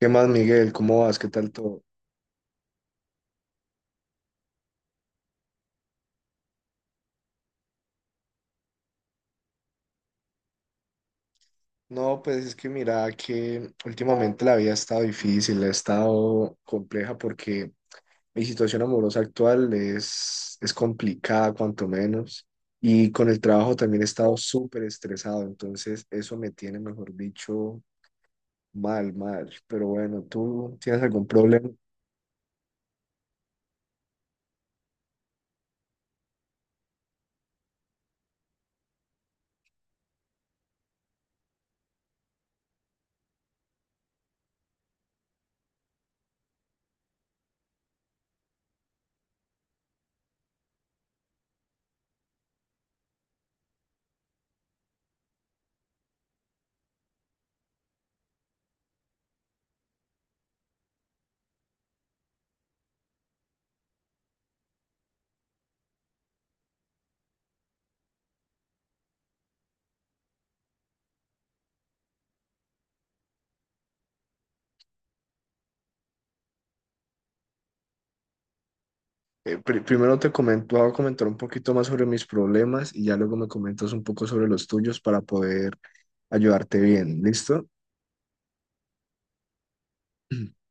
¿Qué más, Miguel? ¿Cómo vas? ¿Qué tal todo? No, pues es que mira que últimamente la vida ha estado difícil, ha estado compleja porque mi situación amorosa actual es complicada, cuanto menos. Y con el trabajo también he estado súper estresado, entonces eso me tiene, mejor dicho, mal. Pero bueno, ¿tú tienes algún problema? Primero te comento, voy a comentar un poquito más sobre mis problemas y ya luego me comentas un poco sobre los tuyos para poder ayudarte bien, ¿listo?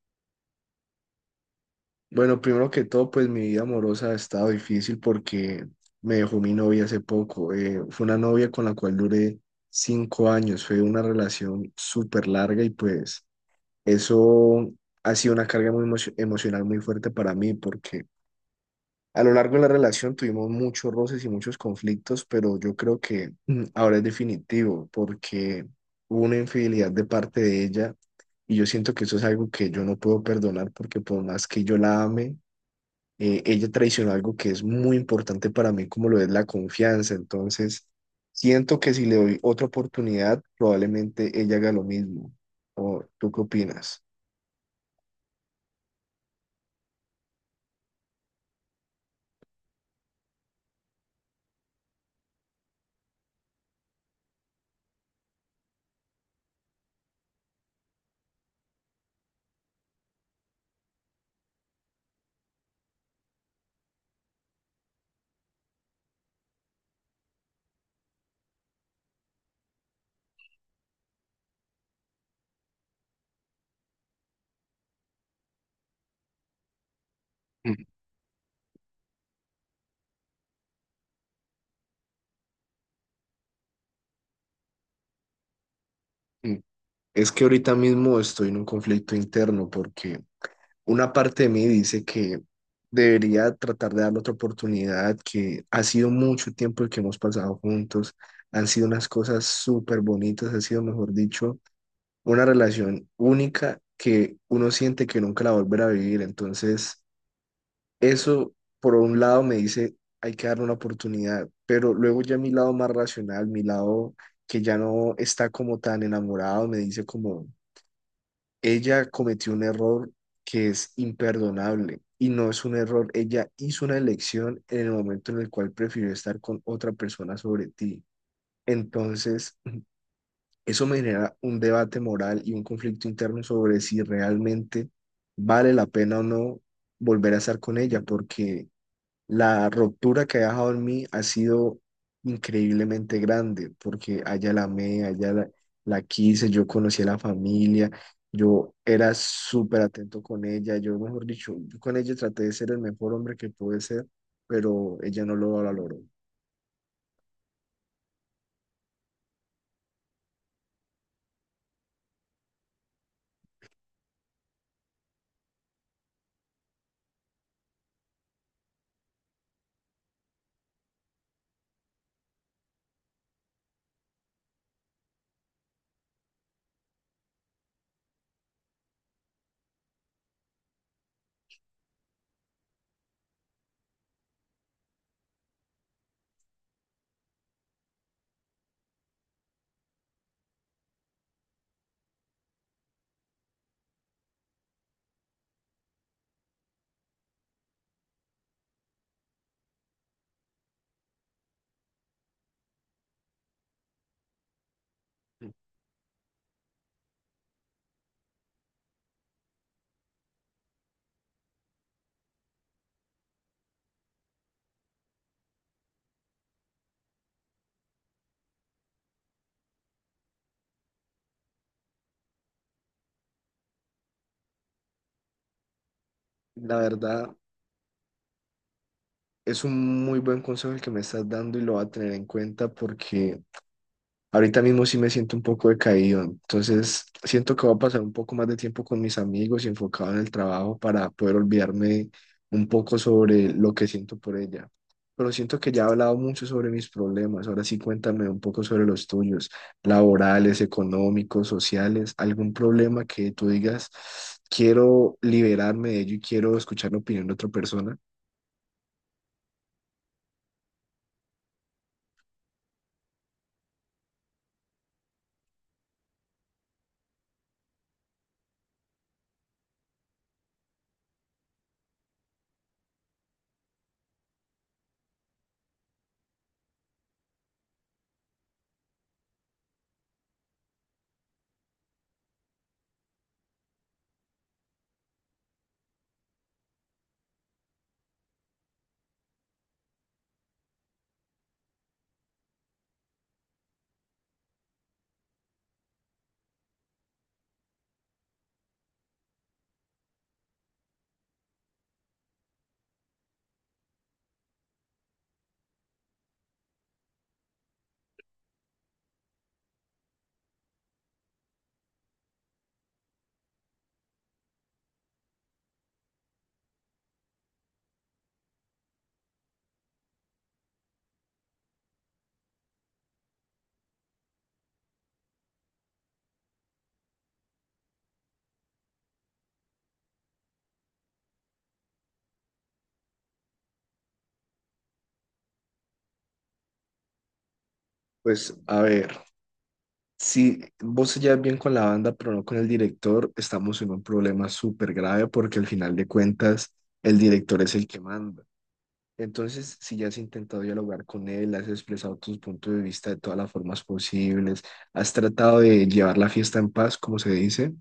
Bueno, primero que todo, pues mi vida amorosa ha estado difícil porque me dejó mi novia hace poco. Fue una novia con la cual duré 5 años. Fue una relación súper larga y pues eso ha sido una carga muy emocional muy fuerte para mí porque a lo largo de la relación tuvimos muchos roces y muchos conflictos, pero yo creo que ahora es definitivo porque hubo una infidelidad de parte de ella y yo siento que eso es algo que yo no puedo perdonar porque por más que yo la ame, ella traicionó algo que es muy importante para mí, como lo es la confianza. Entonces, siento que si le doy otra oportunidad, probablemente ella haga lo mismo. ¿O tú qué opinas? Mm, mm. Es que ahorita mismo estoy en un conflicto interno porque una parte de mí dice que debería tratar de darle otra oportunidad, que ha sido mucho tiempo el que hemos pasado juntos, han sido unas cosas súper bonitas, ha sido, mejor dicho, una relación única que uno siente que nunca la volverá a vivir. Entonces, eso por un lado me dice, hay que darle una oportunidad, pero luego ya mi lado más racional, mi lado que ya no está como tan enamorado, me dice como, ella cometió un error que es imperdonable. Y no es un error, ella hizo una elección en el momento en el cual prefirió estar con otra persona sobre ti. Entonces, eso me genera un debate moral y un conflicto interno sobre si realmente vale la pena o no volver a estar con ella, porque la ruptura que ha dejado en mí ha sido increíblemente grande, porque allá la amé, la quise, yo conocí a la familia, yo era súper atento con ella, yo, mejor dicho, yo con ella traté de ser el mejor hombre que pude ser, pero ella no lo valoró. La verdad, es un muy buen consejo el que me estás dando y lo voy a tener en cuenta porque ahorita mismo sí me siento un poco decaído. Entonces, siento que voy a pasar un poco más de tiempo con mis amigos y enfocado en el trabajo para poder olvidarme un poco sobre lo que siento por ella. Pero siento que ya he hablado mucho sobre mis problemas. Ahora sí, cuéntame un poco sobre los tuyos, laborales, económicos, sociales, algún problema que tú digas, quiero liberarme de ello y quiero escuchar la opinión de otra persona. Pues a ver. Si vos se llevas bien con la banda, pero no con el director, estamos en un problema súper grave porque al final de cuentas el director es el que manda. Entonces, si ya has intentado dialogar con él, has expresado tus puntos de vista de todas las formas posibles, has tratado de llevar la fiesta en paz, como se dice,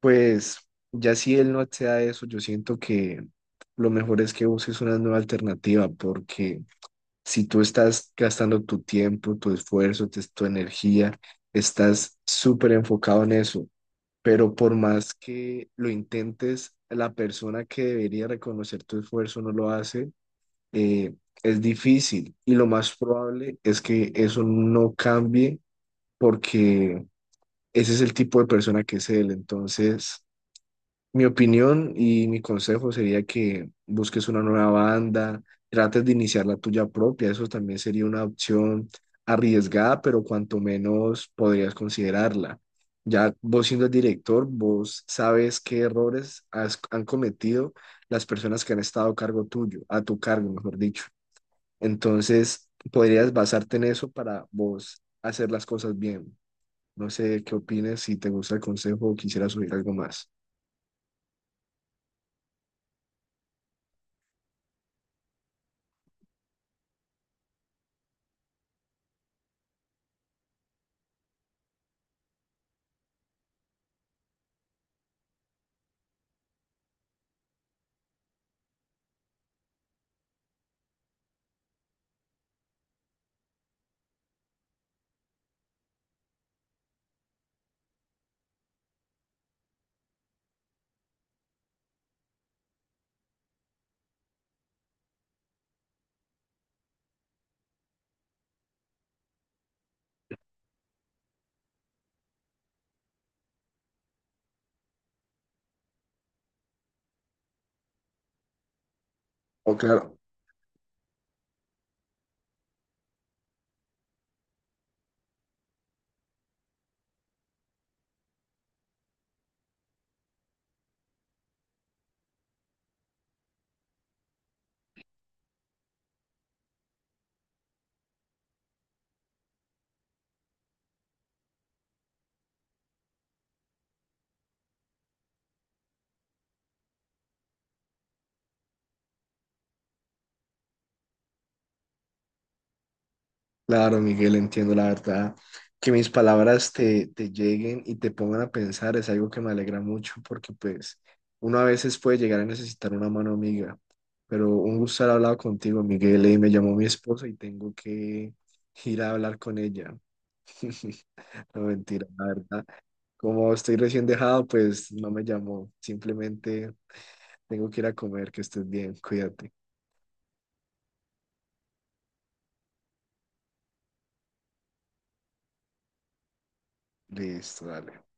pues ya si él no accede a eso, yo siento que lo mejor es que busques una nueva alternativa porque si tú estás gastando tu tiempo, tu esfuerzo, tu energía, estás súper enfocado en eso, pero por más que lo intentes, la persona que debería reconocer tu esfuerzo no lo hace, eh, es difícil y lo más probable es que eso no cambie porque ese es el tipo de persona que es él. Entonces, mi opinión y mi consejo sería que busques una nueva banda, trates de iniciar la tuya propia, eso también sería una opción arriesgada, pero cuanto menos podrías considerarla. Ya vos siendo el director, vos sabes qué errores han cometido las personas que han estado a cargo tuyo, a tu cargo, mejor dicho. Entonces, podrías basarte en eso para vos hacer las cosas bien. No sé qué opinas, si te gusta el consejo o quisieras subir algo más. Oh, claro. Claro, Miguel, entiendo la verdad. Que mis palabras te, te lleguen y te pongan a pensar es algo que me alegra mucho porque pues uno a veces puede llegar a necesitar una mano amiga, pero un gusto haber hablado contigo, Miguel, y me llamó mi esposa y tengo que ir a hablar con ella. No, mentira, la verdad. Como estoy recién dejado, pues no me llamó. Simplemente tengo que ir a comer, que estés bien, cuídate. Listo, dale.